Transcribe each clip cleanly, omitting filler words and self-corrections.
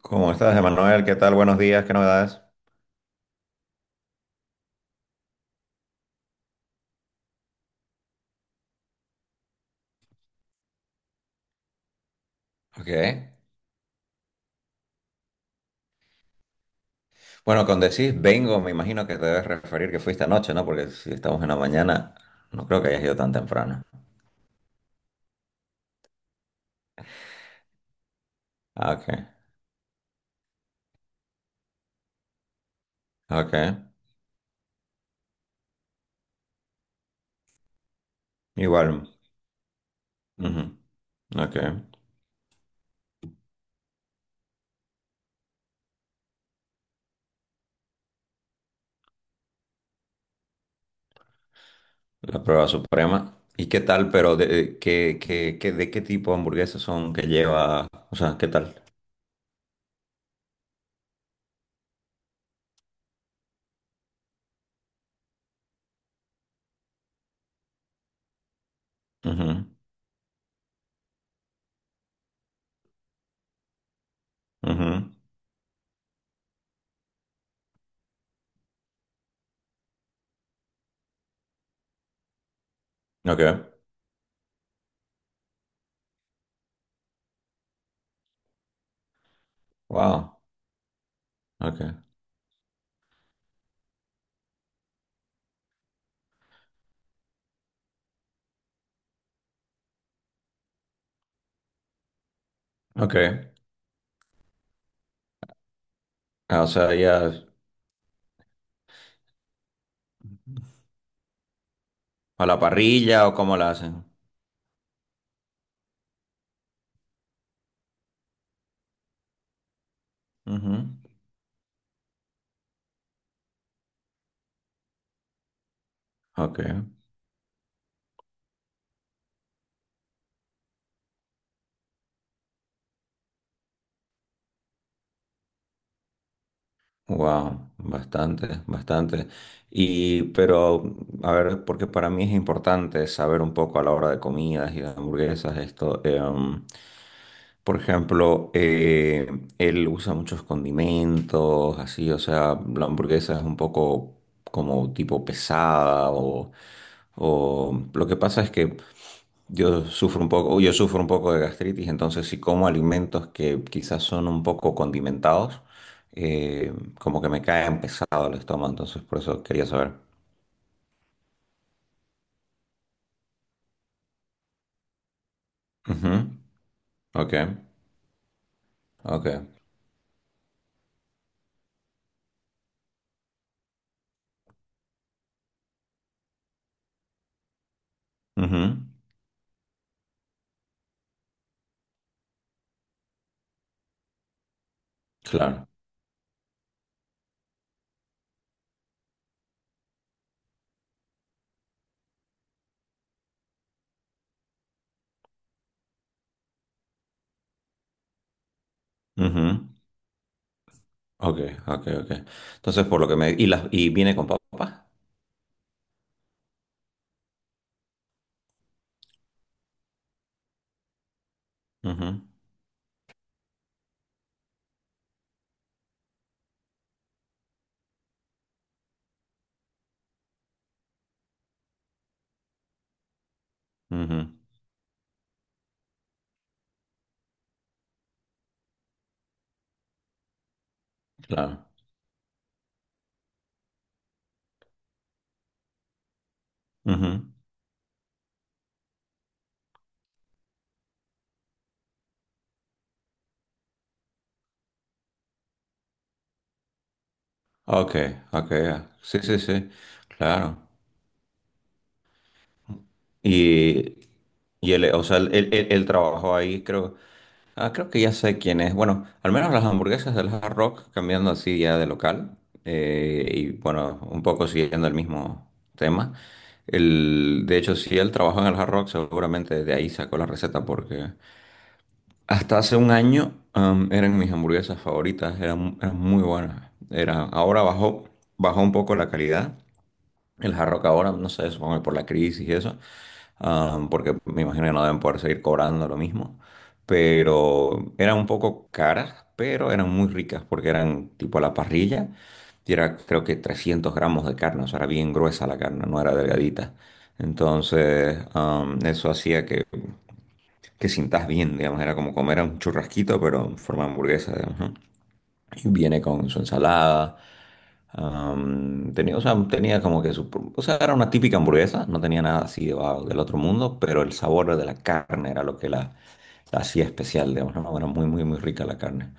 ¿Cómo estás, Emanuel? ¿Qué tal? Buenos días, ¿qué novedades? Ok. Bueno, cuando decís vengo, me imagino que te debes referir que fuiste anoche, ¿no? Porque si estamos en la mañana, no creo que hayas ido tan temprano. Ah, ok, ok. Igual. Ujú. Ok. La prueba suprema. ¿Y qué tal, pero de qué tipo de hamburguesas son que lleva? O sea, ¿qué tal? Ujú. Ujú. Ok. Wow. Ok. Ok. Ah, o sea, ya a la parrilla o cómo la hacen. Ujú. Ok. Wow, bastante, bastante. Pero, a ver, porque para mí es importante saber un poco a la hora de comidas y de hamburguesas esto. Por ejemplo, él usa muchos condimentos, así, o sea, la hamburguesa es un poco como tipo pesada, o lo que pasa es que yo sufro un poco de gastritis, entonces si como alimentos que quizás son un poco condimentados, eh, como que me caen pesado el estómago, entonces por eso quería saber. Ujú. Ok, ok. Ujú. Claro. Ujú. Ok, ok, ok. Entonces por lo que me... y viene con papas. Ujú. Ujú. Claro. Ujú. Ok, ok, ya. Sí, sí, sí, claro. Y, y él, o sea, él- él- él trabajó ahí, creo. Ah, creo que ya sé quién es. Bueno, al menos las hamburguesas del Hard Rock, cambiando así ya de local, y bueno, un poco siguiendo el mismo tema. El, de hecho, si él trabajó en el Hard Rock, seguramente de ahí sacó la receta, porque hasta hace un año eran mis hamburguesas favoritas, eran muy buenas. Ahora bajó, bajó un poco la calidad. El Hard Rock ahora, no sé, supongo que por la crisis y eso, porque me imagino que no deben poder seguir cobrando lo mismo, pero eran un poco caras, pero eran muy ricas porque eran tipo a la parrilla y era creo que 300 gramos de carne, o sea, era bien gruesa la carne, no era delgadita. Entonces, eso hacía que sintas bien, digamos, era como comer un churrasquito, pero en forma de hamburguesa, digamos, ¿no? Y viene con su ensalada. Tenía, o sea, tenía como que o sea, era una típica hamburguesa, no tenía nada así de wow, del otro mundo, pero el sabor de la carne era lo que la hacía especial, digamos, ¿no? Era muy, muy, muy rica la carne.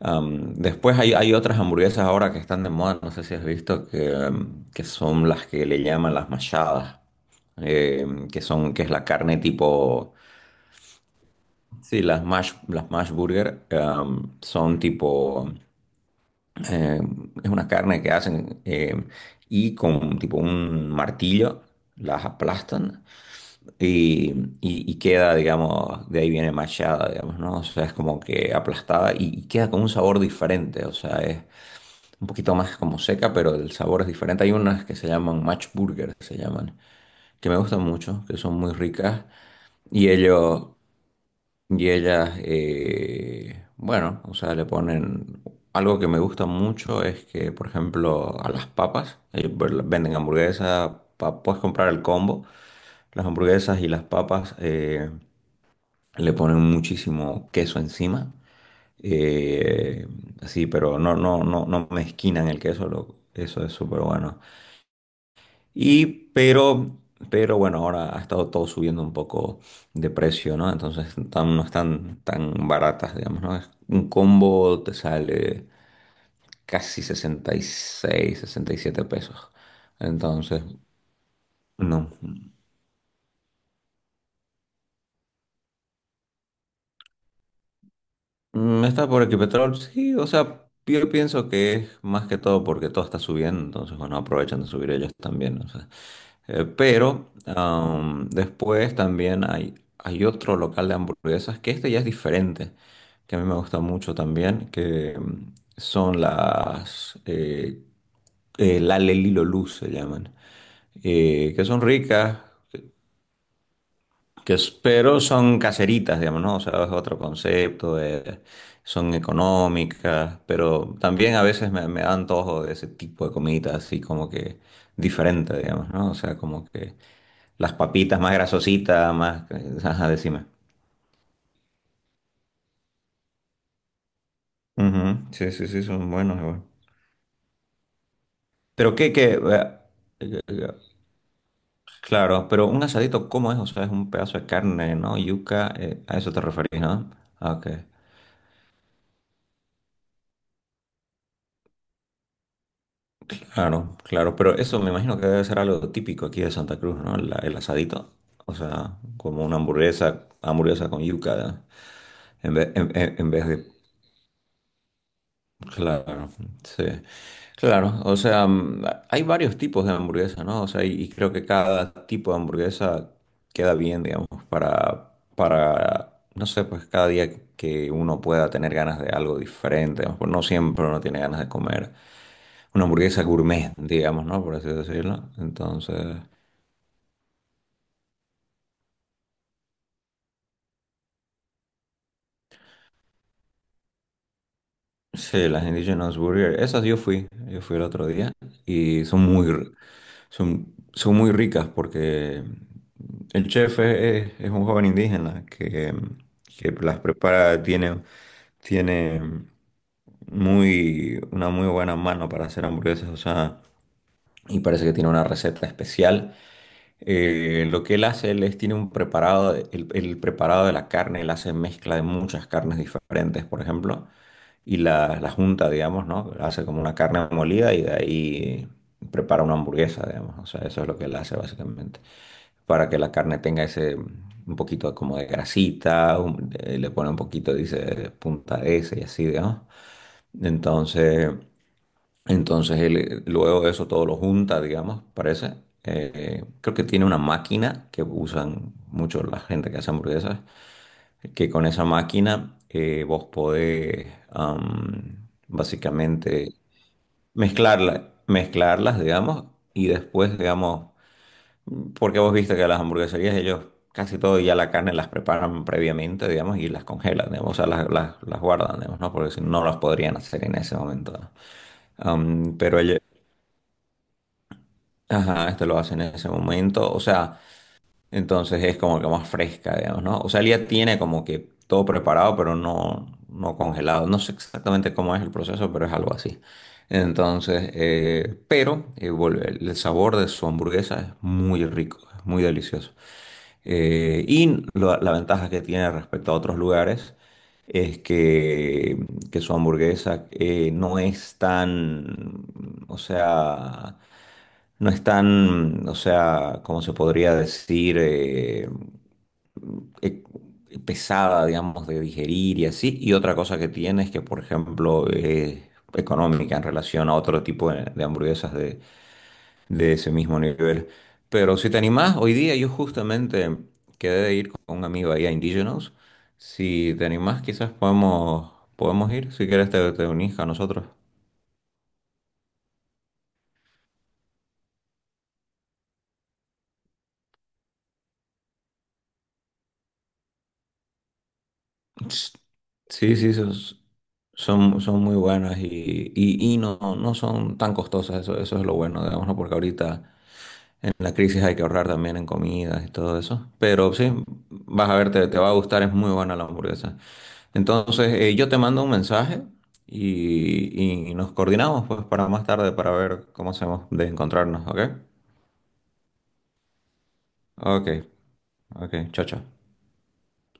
Después hay otras hamburguesas ahora que están de moda, no sé si has visto, que, que son las que le llaman las machadas, que son, que es la carne tipo... Sí, las mash burger, son tipo... Eh, es una carne que hacen, y con tipo un martillo las aplastan y, y queda, digamos, de ahí viene machada, digamos, ¿no? O sea, es como que aplastada y queda con un sabor diferente, o sea, es un poquito más como seca, pero el sabor es diferente. Hay unas que se llaman match burger, se llaman, que me gustan mucho, que son muy ricas, y ellos... Y ellas, bueno, o sea, le ponen... Algo que me gusta mucho es que, por ejemplo, a las papas, ellos venden hamburguesas, puedes comprar el combo, las hamburguesas y las papas, le ponen muchísimo queso encima. Eh, sí, pero no, no, no, no mezquinan el queso, lo- eso es súper bueno. Y, pero, pero bueno, ahora ha estado todo subiendo un poco de precio, ¿no? Entonces no están tan baratas, digamos, ¿no? Un combo te sale casi 60, 66, 67 pesos. Entonces, no. ¿Está por aquí Petrol? Sí, o sea, yo pienso que es más que todo porque todo está subiendo, entonces, bueno, aprovechan de subir ellos también, ¿no? Pero después también hay otro local de hamburguesas que este ya es diferente, que a mí me gusta mucho también, que son las la Lelilo Luz se llaman, que son ricas, que, pero son caseritas, digamos, ¿no? O sea, es otro concepto. Son económicas, pero también a veces me da antojo de ese tipo de comidas así como que diferente, digamos, ¿no? O sea, como que... Las papitas más grasositas, más... Ajá, decime. Ujú. Sí, sí, sí, son buenos igual. Pero qué, qué... eh, eh, eh, Claro, pero un asadito, ¿cómo es? O sea, es un pedazo de carne, ¿no? Yuca, a eso te referís, ¿no? Ah, ok, claro, claro, pero eso me imagino que debe ser algo típico aquí de Santa Cruz, ¿no? El asadito, o sea, como una hamburguesa, hamburguesa con yuca, ¿no? En vez, en vez de... Claro, sí. Claro, o sea, hay varios tipos de hamburguesa, ¿no? O sea, y creo que cada tipo de hamburguesa queda bien, digamos, para, no sé, pues cada día que uno pueda tener ganas de algo diferente, digamos, pues no siempre uno tiene ganas de comer una hamburguesa gourmet, digamos, ¿no? Por así decirlo. Entonces, sí, las Indigenous Burger, esas yo fui el otro día y son muy, son, son muy ricas porque el chef es un joven indígena que las prepara, tiene una muy buena mano para hacer hamburguesas, o sea, y parece que tiene una receta especial. Lo que él hace, tiene un preparado, el preparado de la carne, él hace mezcla de muchas carnes diferentes, por ejemplo, y la junta, digamos, ¿no? Hace como una carne molida y de ahí prepara una hamburguesa, digamos, o sea, eso es lo que él hace básicamente, para que la carne tenga ese, un poquito como de grasita, le pone un poquito, dice, punta de ese y así, digamos. Entonces... Entonces él, luego de eso todo lo junta, digamos, parece. Creo que tiene una máquina que usan mucho la gente que hace hamburguesas, que con esa máquina, vos podés, básicamente mezclarla, mezclarlas, digamos, y después, digamos, porque vos viste que las hamburgueserías ellos casi todo ya la carne las preparan previamente, digamos, y las congelan, digamos, o sea, las guardan, digamos, ¿no? Porque si no no las podrían hacer en ese momento, ¿no? Am, pero ella- Ajá, esto lo hacen en ese momento. O sea, entonces es como que más fresca, digamos, ¿no? O sea, él ya tiene como que todo preparado, pero no, no congelado. No sé exactamente cómo es el proceso, pero es algo así. Entonces, pero vuelve, el sabor de su hamburguesa es muy rico, es muy delicioso. Y la ventaja que tiene respecto a otros lugares es que su hamburguesa, no es tan, o sea, no están, o sea, ¿cómo se podría decir? Eh, pesada, digamos, de digerir y así. Y otra cosa que tiene es que, por ejemplo, es económica en relación a otro tipo de hamburguesas de ese mismo nivel. Pero si te animás, hoy día yo justamente quedé de ir con un amigo ahí a Indigenous. Si te animás, quizás podemos ir. Si quieres, te unís a nosotros. Ts- Sí, sí, son muy buenas, y no, no son tan costosas, eso es lo bueno, digamos, ¿no? Porque ahorita en la crisis hay que ahorrar también en comidas y todo eso. Pero sí, vas a ver, te va a gustar, es muy buena la hamburguesa. Entonces, yo te mando un mensaje y nos coordinamos pues para más tarde para ver cómo hacemos de encontrarnos, ¿ok? Ok, ok, chao, chao.